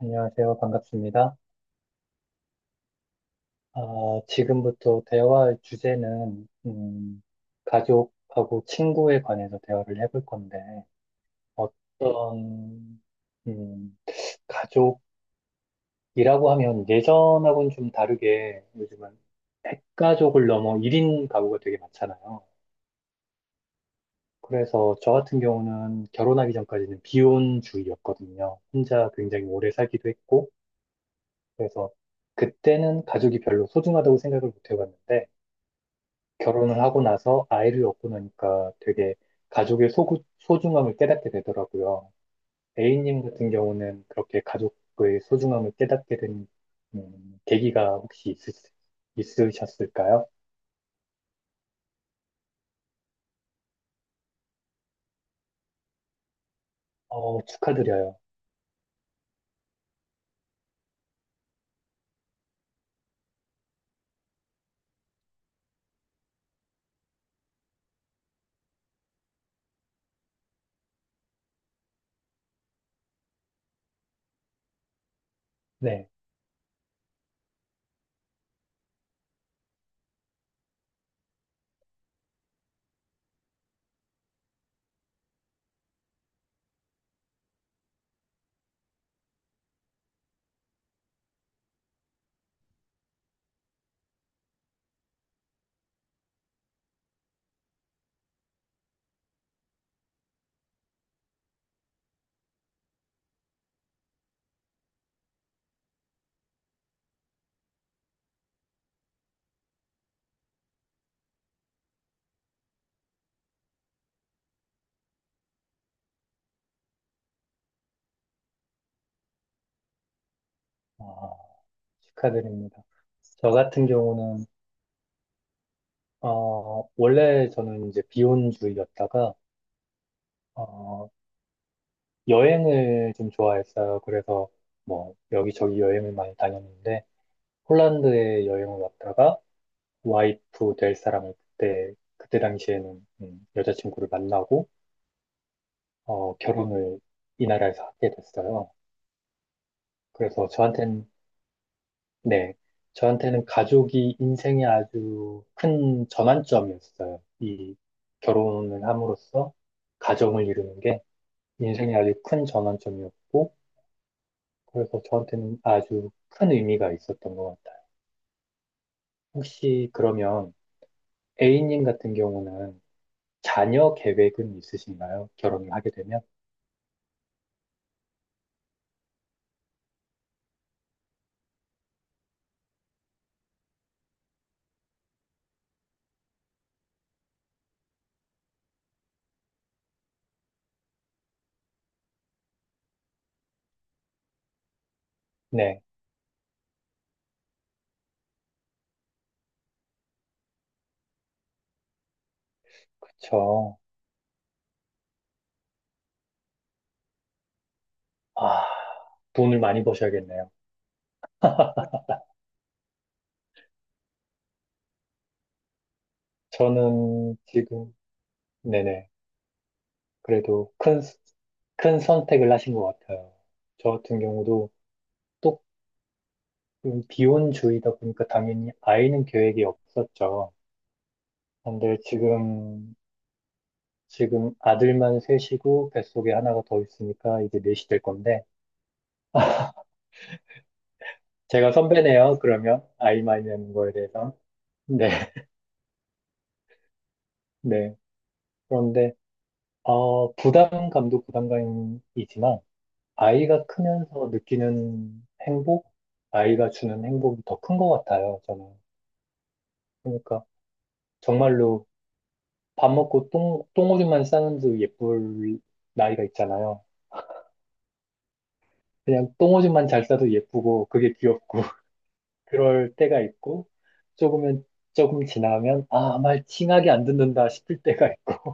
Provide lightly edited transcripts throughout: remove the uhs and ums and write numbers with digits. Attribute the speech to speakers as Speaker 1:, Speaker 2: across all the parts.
Speaker 1: 안녕하세요. 반갑습니다. 아, 지금부터 대화할 주제는, 가족하고 친구에 관해서 대화를 해볼 건데, 어떤, 음, 가족이라고 하면 예전하고는 좀 다르게 요즘은 핵가족을 넘어 1인 가구가 되게 많잖아요. 그래서 저 같은 경우는 결혼하기 전까지는 비혼주의였거든요. 혼자 굉장히 오래 살기도 했고, 그래서 그때는 가족이 별로 소중하다고 생각을 못 해봤는데, 결혼을 하고 나서 아이를 얻고 나니까 되게 소중함을 깨닫게 되더라고요. A님 같은 경우는 그렇게 가족의 소중함을 깨닫게 된 계기가 있으셨을까요? 어, 축하드려요. 네, 아, 축하드립니다. 저 같은 경우는 원래 저는 이제 비혼주의였다가 어, 여행을 좀 좋아했어요. 그래서 뭐 여기저기 여행을 많이 다녔는데 폴란드에 여행을 왔다가 와이프 될 사람을 그때 당시에는 여자친구를 만나고, 결혼을 이 나라에서 하게 됐어요. 그래서 저한테는, 네, 저한테는 가족이 인생의 아주 큰 전환점이었어요. 이 결혼을 함으로써 가정을 이루는 게 인생의 아주 큰 전환점이었고, 그래서 저한테는 아주 큰 의미가 있었던 것 같아요. 혹시 그러면 A님 같은 경우는 자녀 계획은 있으신가요? 결혼을 하게 되면? 네, 그쵸. 아, 돈을 많이 버셔야겠네요. 저는 지금, 네네. 그래도 큰 선택을 하신 것 같아요. 저 같은 경우도 또 비혼주의다 보니까 당연히 아이는 계획이 없었죠. 근데 지금, 지금 아들만 셋이고 뱃속에 하나가 더 있으니까 이제 넷이 될 건데, 제가 선배네요, 그러면. 아이만 있는 거에 대해서. 네, 네. 그런데, 부담감도 부담감이지만, 아이가 크면서 느끼는 행복, 아이가 주는 행복이 더 큰 것 같아요, 저는. 그러니까 정말로 밥 먹고 똥오줌만 싸는 도 예쁠 나이가 있잖아요. 그냥 똥오줌만 잘 싸도 예쁘고 그게 귀엽고 그럴 때가 있고 조금은 조금 지나면 아, 말 칭하게 안 듣는다 싶을 때가 있고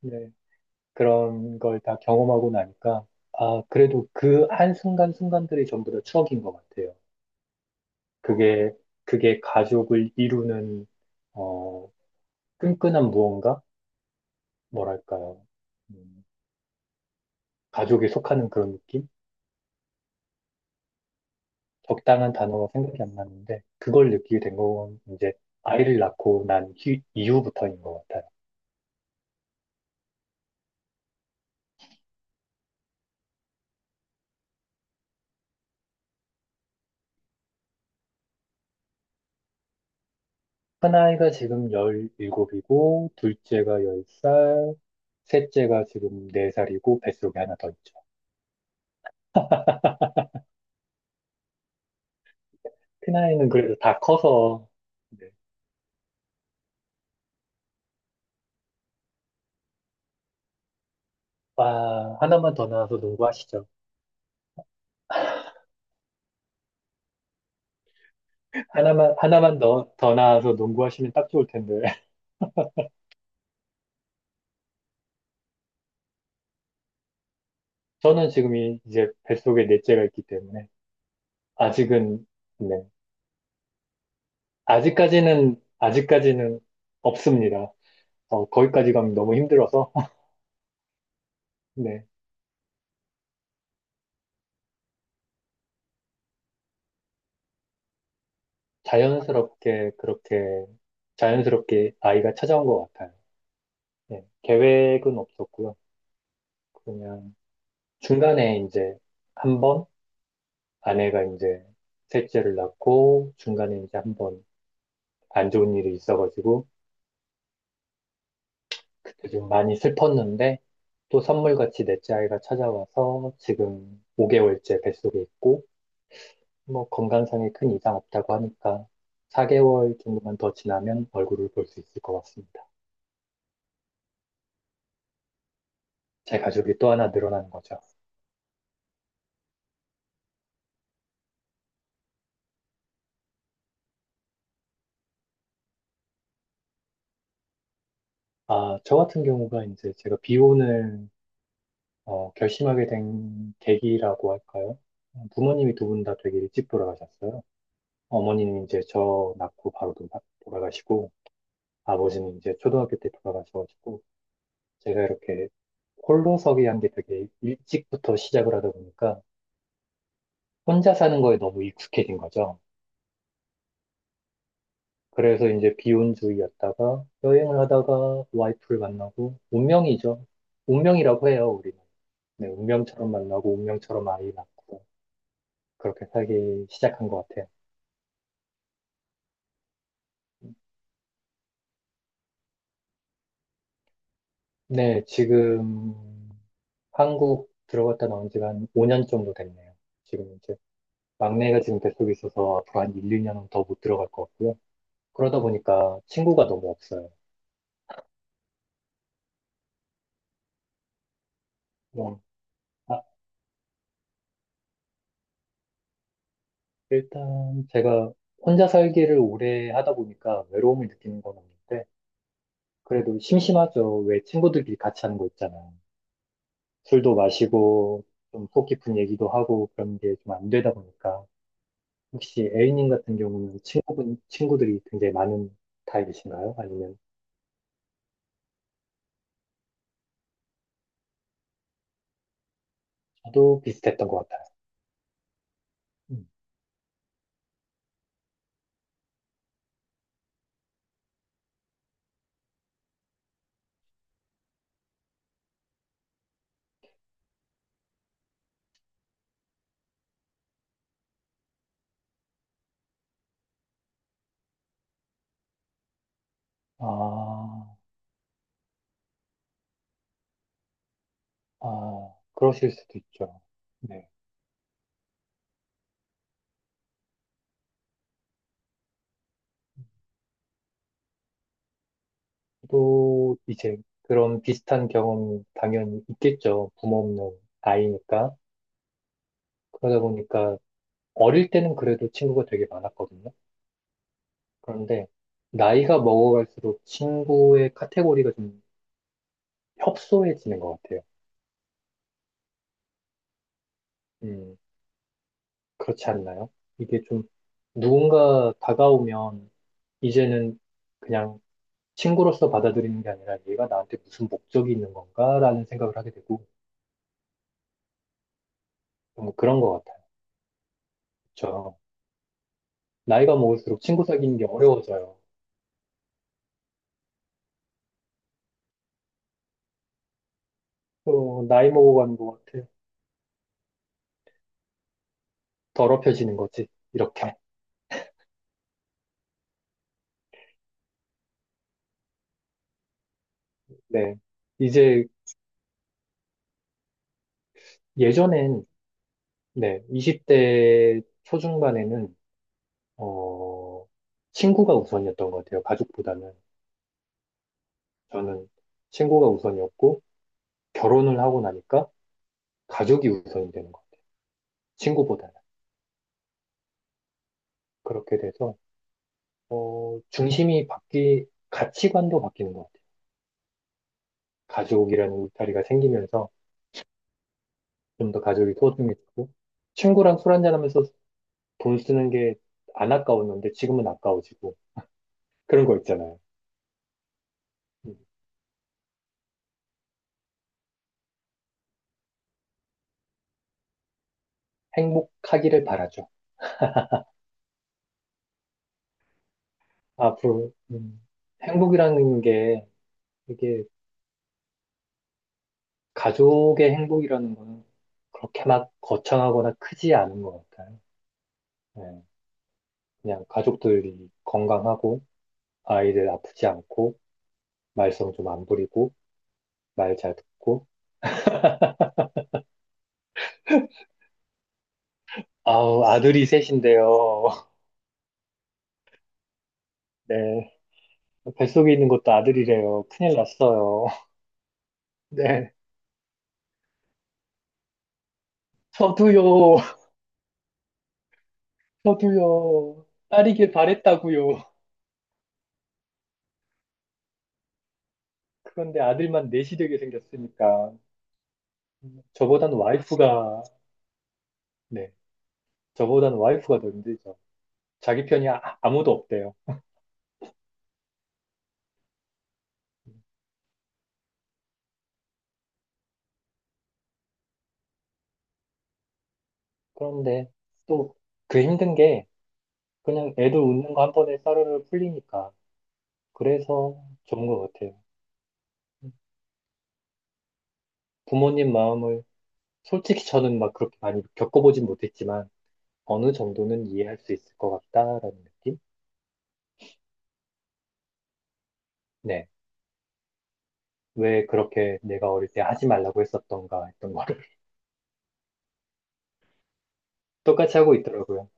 Speaker 1: 네, 그런 걸 다 경험하고 나니까 아, 그래도 그 한순간순간들이 전부 다 추억인 것 같아요. 그게, 그게 가족을 이루는, 어, 끈끈한 무언가? 뭐랄까요. 음, 가족에 속하는 그런 느낌? 적당한 단어가 생각이 안 나는데, 그걸 느끼게 된 건 이제 아이를 낳고 이후부터인 것 같아요. 큰아이가 지금 17이고, 둘째가 10살, 셋째가 지금 4살이고, 뱃속에 하나 더 있죠. 큰아이는 그래도 다 커서, 네. 아, 하나만 더 낳아서 농구하시죠. 하나만 더 더 나아서 농구하시면 딱 좋을 텐데. 저는 이제 뱃속에 넷째가 있기 때문에, 아직은, 네. 아직까지는 없습니다. 어, 거기까지 가면 너무 힘들어서, 네. 자연스럽게, 그렇게, 자연스럽게 아이가 찾아온 것 같아요. 네. 계획은 없었고요. 그냥 중간에 한 번, 아내가 이제 셋째를 낳고, 중간에 이제 한 번 안 좋은 일이 있어가지고, 그때 좀 많이 슬펐는데 또 선물같이 넷째 아이가 찾아와서 지금 5개월째 뱃속에 있고 뭐 건강상에 큰 이상 없다고 하니까 4개월 정도만 더 지나면 얼굴을 볼 수 있을 것 같습니다. 제 가족이 또 하나 늘어나는 거죠. 아, 저 같은 경우가 이제 제가 비혼을 결심하게 된 계기라고 할까요? 부모님이 두 분 다 되게 일찍 돌아가셨어요. 어머니는 이제 저 돌아가시고 아버지는 이제 초등학교 때 돌아가셔가지고 제가 이렇게 홀로서기 한 게 되게 일찍부터 시작을 하다 보니까 혼자 사는 거에 너무 익숙해진 거죠. 그래서 이제 비혼주의였다가 여행을 하다가 와이프를 만나고 운명이죠. 운명이라고 해요, 우리는. 네, 운명처럼 만나고 운명처럼 아이 낳고 그렇게 살기 시작한 것 같아요. 네, 지금 한국 들어갔다 나온 지가 한 5년 정도 됐네요. 지금 이제 막내가 지금 뱃속에 있어서 앞으로 한 1, 2년은 더 못 들어갈 것 같고요. 그러다 보니까 친구가 너무 없어요. 뭐, 아, 일단 제가 혼자 살기를 오래 하다 보니까 외로움을 느끼는 건 없는데, 그래도 심심하죠. 왜 친구들끼리 같이 하는 거 있잖아요. 술도 마시고, 좀속 깊은 얘기도 하고, 그런 게 좀 안 되다 보니까. 혹시 A님 같은 경우는 친구들이 굉장히 많은 타입이신가요? 아니면 저도 비슷했던 것 같아요. 음. 아, 아, 그러실 수도 있죠. 네. 또 이제 그런 비슷한 경험이 당연히 있겠죠. 부모 없는 아이니까. 그러다 보니까 어릴 때는 그래도 친구가 되게 많았거든요. 그런데 나이가 먹어갈수록 친구의 카테고리가 좀 협소해지는 것 같아요. 음, 그렇지 않나요? 이게 좀 누군가 다가오면 이제는 그냥 친구로서 받아들이는 게 아니라 얘가 나한테 무슨 목적이 있는 건가라는 생각을 하게 되고 좀 그런 것 같아요. 나이가 먹을수록 친구 사귀는 게 어려워져요. 또 나이 먹어가는 것 같아요. 더럽혀지는 거지, 이렇게. 네. 이제 예전엔, 네, 20대 초중반에는, 어, 친구가 우선이었던 것 같아요. 가족보다는. 저는 친구가 우선이었고, 결혼을 하고 나니까 가족이 우선이 되는 거예요. 친구보다는. 그렇게 돼서, 가치관도 바뀌는 것 같아요. 가족이라는 울타리가 생기면서, 좀 더 가족이 소중해지고 친구랑 술 한잔하면서 돈 쓰는 게 안 아까웠는데 지금은 아까워지고 그런 거 있잖아요. 음, 행복하기를 바라죠. 앞으로 행복이라는 게 이게 가족의 행복이라는 거는 그렇게 막 거창하거나 크지 않은 것 같아요. 네, 그냥 가족들이 건강하고 아이들 아프지 않고 말썽 좀 안 부리고 말 잘 듣고 아우 아들이 셋인데요. 네. 뱃속에 있는 것도 아들이래요. 큰일 났어요. 네. 저도요. 저도요. 딸이길 바랬다고요. 그런데 아들만 넷이 되게 생겼으니까 저보단 와이프가 네. 저보단 와이프가 더 힘들죠. 자기 편이 아, 아무도 없대요. 음, 그런데 또 그 힘든 게 그냥 애들 웃는 거 한 번에 싸르르 풀리니까 그래서 좋은 것 같아요. 음, 부모님 마음을 솔직히 저는 막 그렇게 많이 겪어보진 못했지만 어느 정도는 이해할 수 있을 것 같다라는 느낌? 네. 왜 그렇게 내가 어릴 때 하지 말라고 했었던가 했던 거를 똑같이 하고 있더라고요.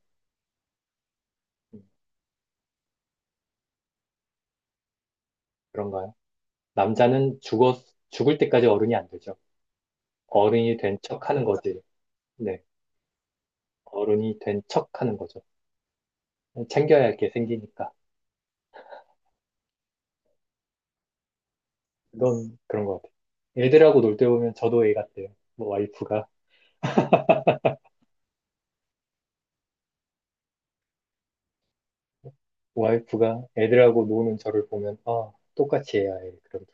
Speaker 1: 음, 그런가요? 남자는 죽었, 죽을 때까지 어른이 안 되죠. 어른이 된 척 하는 거지. 네. 어른이 된 척 하는 거죠. 챙겨야 할 게 생기니까. 그건 그런 것 같아요. 애들하고 놀 때 보면 저도 애 같아요. 뭐 와이프가, 와이프가 애들하고 노는 저를 보면, 아, 똑같이 해야 해. 그럼.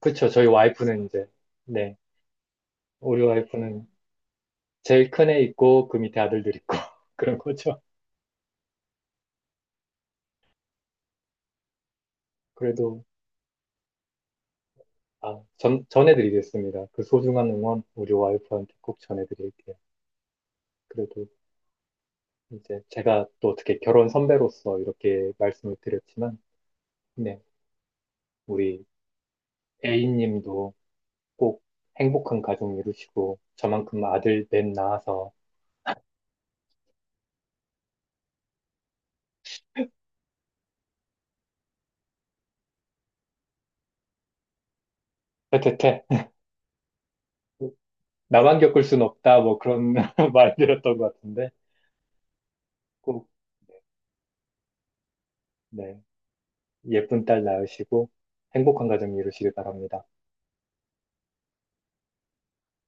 Speaker 1: 그쵸. 저희 와이프는 이제, 네. 우리 와이프는 제일 큰 애 있고 그 밑에 아들들 있고 그런 거죠. 그래도 아, 전해드리겠습니다. 그 소중한 응원 우리 와이프한테 꼭 전해드릴게요. 그래도 이제 제가 또 어떻게 결혼 선배로서 이렇게 말씀을 드렸지만, 네, 우리 A님도 꼭 행복한 가정 이루시고 저만큼 아들 넷 낳아서 퇴퇴퇴 나만 겪을 순 없다 뭐 그런 말 드렸던 것 같은데 꼭 네, 예쁜 딸 낳으시고 행복한 가정 이루시길 바랍니다.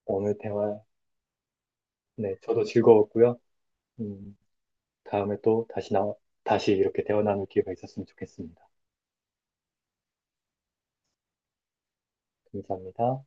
Speaker 1: 오늘 대화, 네, 저도 즐거웠고요. 음, 다음에 또 다시 나, 다시 이렇게 대화 나눌 기회가 있었으면 좋겠습니다. 감사합니다.